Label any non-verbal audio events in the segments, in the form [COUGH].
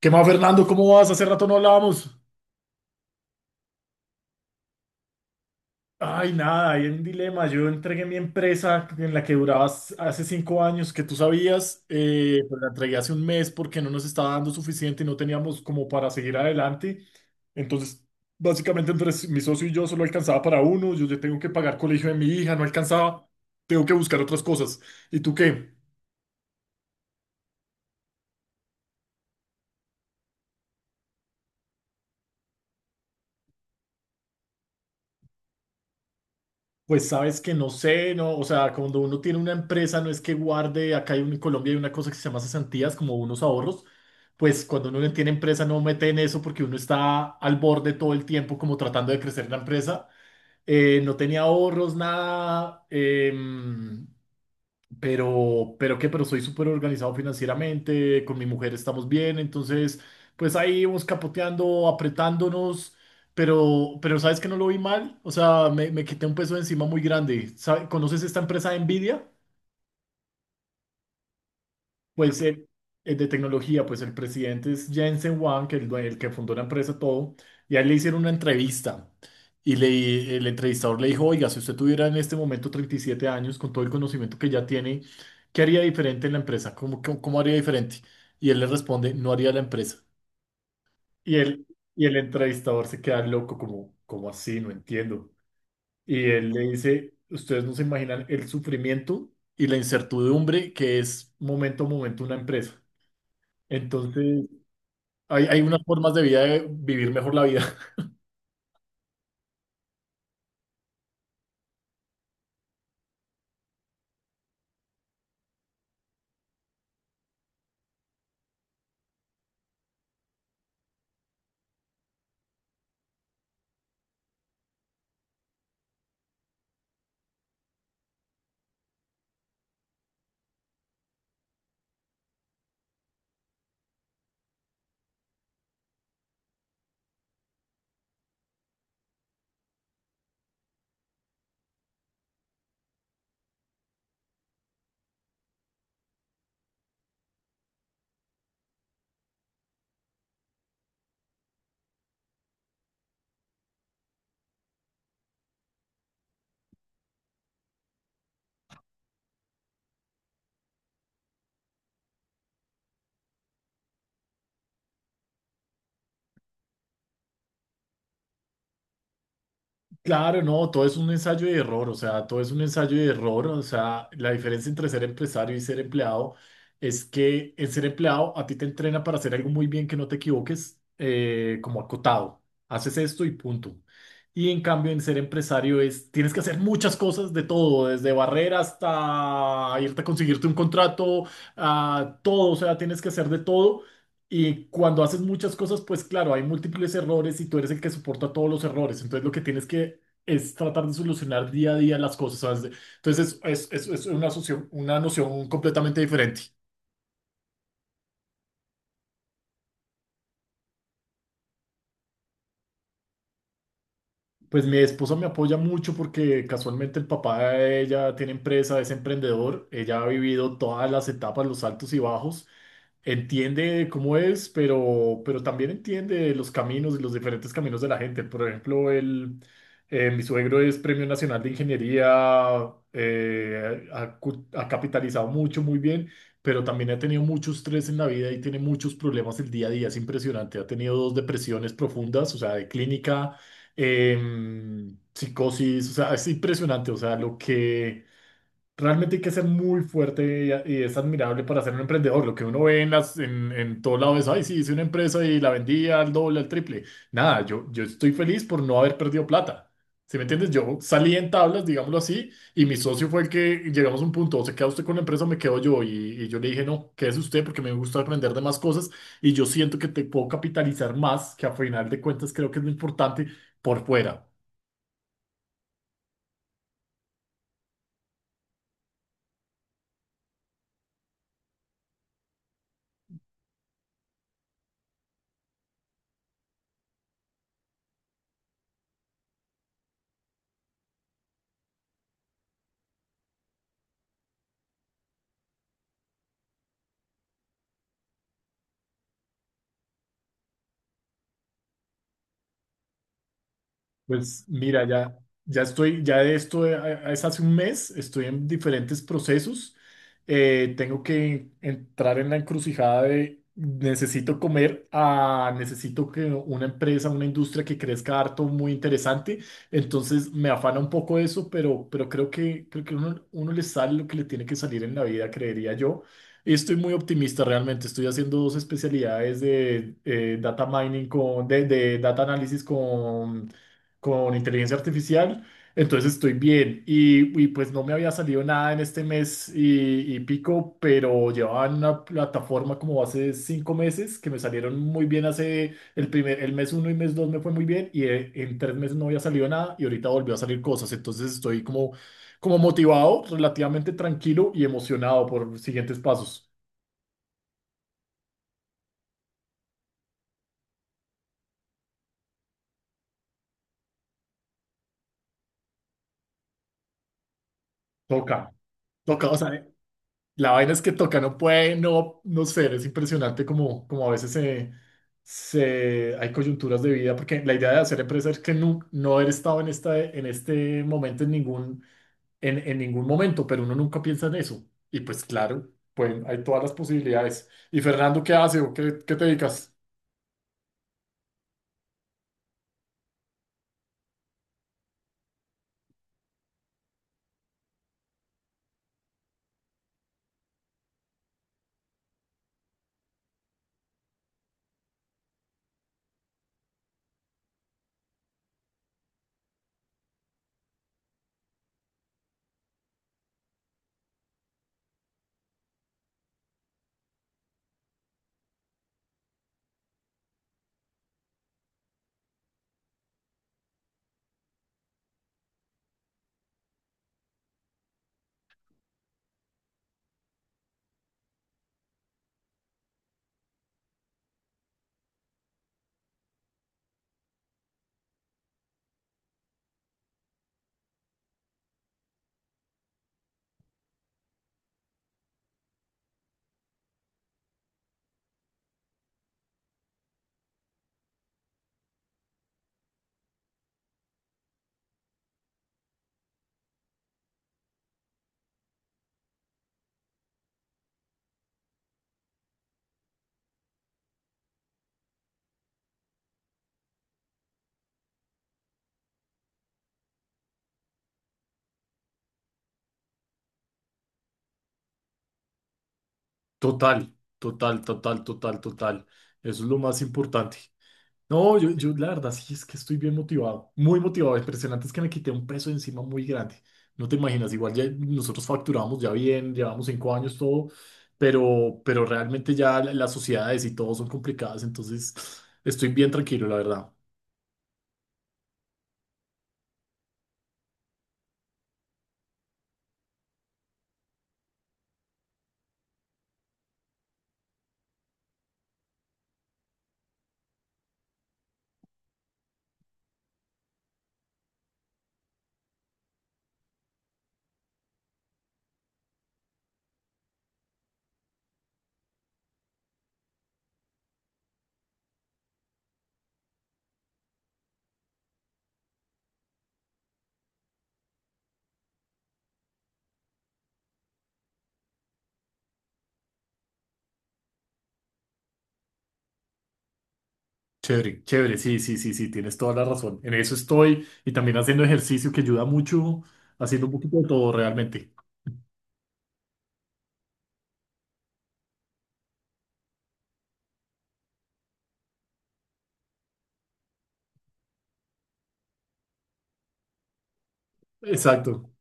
¿Qué más, Fernando? ¿Cómo vas? Hace rato no hablábamos. Ay, nada, hay un dilema. Yo entregué mi empresa en la que durabas hace 5 años, que tú sabías, pues la entregué hace un mes porque no nos estaba dando suficiente y no teníamos como para seguir adelante. Entonces, básicamente entre mi socio y yo solo alcanzaba para uno. Yo ya tengo que pagar colegio de mi hija, no alcanzaba. Tengo que buscar otras cosas. ¿Y tú qué? Pues sabes que no sé, no, o sea, cuando uno tiene una empresa no es que guarde, acá hay en Colombia hay una cosa que se llama cesantías, como unos ahorros, pues cuando uno no tiene empresa no mete en eso porque uno está al borde todo el tiempo como tratando de crecer la empresa. No tenía ahorros, nada, pero, pero soy súper organizado financieramente, con mi mujer estamos bien, entonces, pues ahí íbamos capoteando, apretándonos, pero ¿sabes que no lo vi mal? O sea, me quité un peso de encima muy grande. ¿Conoces esta empresa de Nvidia? Pues el de tecnología, pues el presidente es Jensen Huang, el que fundó la empresa todo, y a él le hicieron una entrevista. El entrevistador le dijo, oiga, si usted tuviera en este momento 37 años, con todo el conocimiento que ya tiene, ¿qué haría diferente en la empresa? ¿Cómo haría diferente? Y él le responde, no haría la empresa. Y él, y el entrevistador se queda loco, ¿como así? No entiendo. Y él le dice, ustedes no se imaginan el sufrimiento y la incertidumbre que es momento a momento una empresa. Entonces, hay unas formas de vida de vivir mejor la vida. [LAUGHS] Claro, no, todo es un ensayo y error, o sea, todo es un ensayo y error, o sea, la diferencia entre ser empresario y ser empleado es que en ser empleado a ti te entrena para hacer algo muy bien que no te equivoques, como acotado, haces esto y punto. Y en cambio en ser empresario es, tienes que hacer muchas cosas de todo, desde barrer hasta irte a conseguirte un contrato, a todo, o sea, tienes que hacer de todo. Y cuando haces muchas cosas, pues claro, hay múltiples errores y tú eres el que soporta todos los errores. Entonces lo que tienes que es tratar de solucionar día a día las cosas, ¿sabes? Entonces es una noción completamente diferente. Pues mi esposa me apoya mucho porque casualmente el papá de ella tiene empresa, es emprendedor, ella ha vivido todas las etapas, los altos y bajos, entiende cómo es, pero también entiende los caminos y los diferentes caminos de la gente. Por ejemplo, mi suegro es Premio Nacional de Ingeniería, ha capitalizado mucho, muy bien, pero también ha tenido mucho estrés en la vida y tiene muchos problemas el día a día, es impresionante, ha tenido dos depresiones profundas, o sea, de clínica psicosis, o sea, es impresionante, o sea, lo que, realmente hay que ser muy fuerte y es admirable para ser un emprendedor. Lo que uno ve en todo lado es, ay, sí, hice una empresa y la vendí al doble, al triple. Nada, yo estoy feliz por no haber perdido plata. ¿Sí me entiendes? Yo salí en tablas, digámoslo así, y mi socio fue el que llegamos a un punto, o se queda usted con la empresa o me quedo yo. Y yo le dije, no, quédese usted porque me gusta aprender de más cosas y yo siento que te puedo capitalizar más, que a final de cuentas creo que es lo importante por fuera. Pues mira, ya, ya estoy, ya de esto es hace un mes, estoy en diferentes procesos. Tengo que entrar en la encrucijada de necesito comer a necesito que una empresa, una industria que crezca harto, muy interesante. Entonces me afana un poco eso, pero creo que, uno le sale lo que le tiene que salir en la vida, creería yo. Y estoy muy optimista realmente. Estoy haciendo dos especialidades de data mining de data análisis con inteligencia artificial, entonces estoy bien. Y, pues no me había salido nada en este mes y pico, pero llevaba en una plataforma como hace 5 meses que me salieron muy bien hace el mes uno y mes dos me fue muy bien y en 3 meses no había salido nada y ahorita volvió a salir cosas, entonces estoy como, motivado, relativamente tranquilo y emocionado por siguientes pasos. Toca, toca, o sea, la vaina es que toca, no puede, no, no ser, es impresionante como a veces se, se, hay coyunturas de vida, porque la idea de hacer empresa es que no, no haber estado en este momento en ningún, en ningún momento, pero uno nunca piensa en eso. Y pues claro, pues hay todas las posibilidades. ¿Y Fernando qué hace o qué te dedicas? Total, total, total, total, total. Eso es lo más importante. No, yo la verdad sí es que estoy bien motivado, muy motivado. Impresionante es que me quité un peso de encima muy grande. No te imaginas, igual ya nosotros facturamos ya bien, llevamos 5 años todo, pero realmente ya las sociedades y todo son complicadas, entonces estoy bien tranquilo, la verdad. Chévere, chévere, sí, sí, sí, sí, tienes toda la razón. En eso estoy y también haciendo ejercicio que ayuda mucho, haciendo un poquito de todo realmente. Exacto.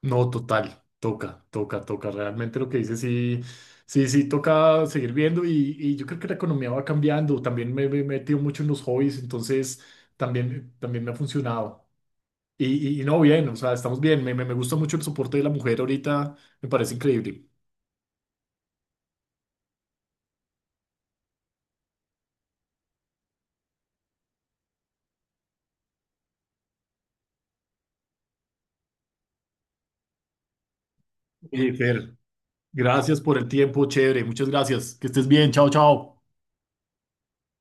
No, total, toca, toca, toca. Realmente lo que dice sí, sí, sí, toca seguir viendo y yo creo que la economía va cambiando. También me he metido mucho en los hobbies, entonces también, también me ha funcionado. Y, y no, bien, o sea, estamos bien. Me gusta mucho el soporte de la mujer ahorita, me parece increíble. Y Fer, gracias por el tiempo, chévere, muchas gracias. Que estés bien, chao, chao.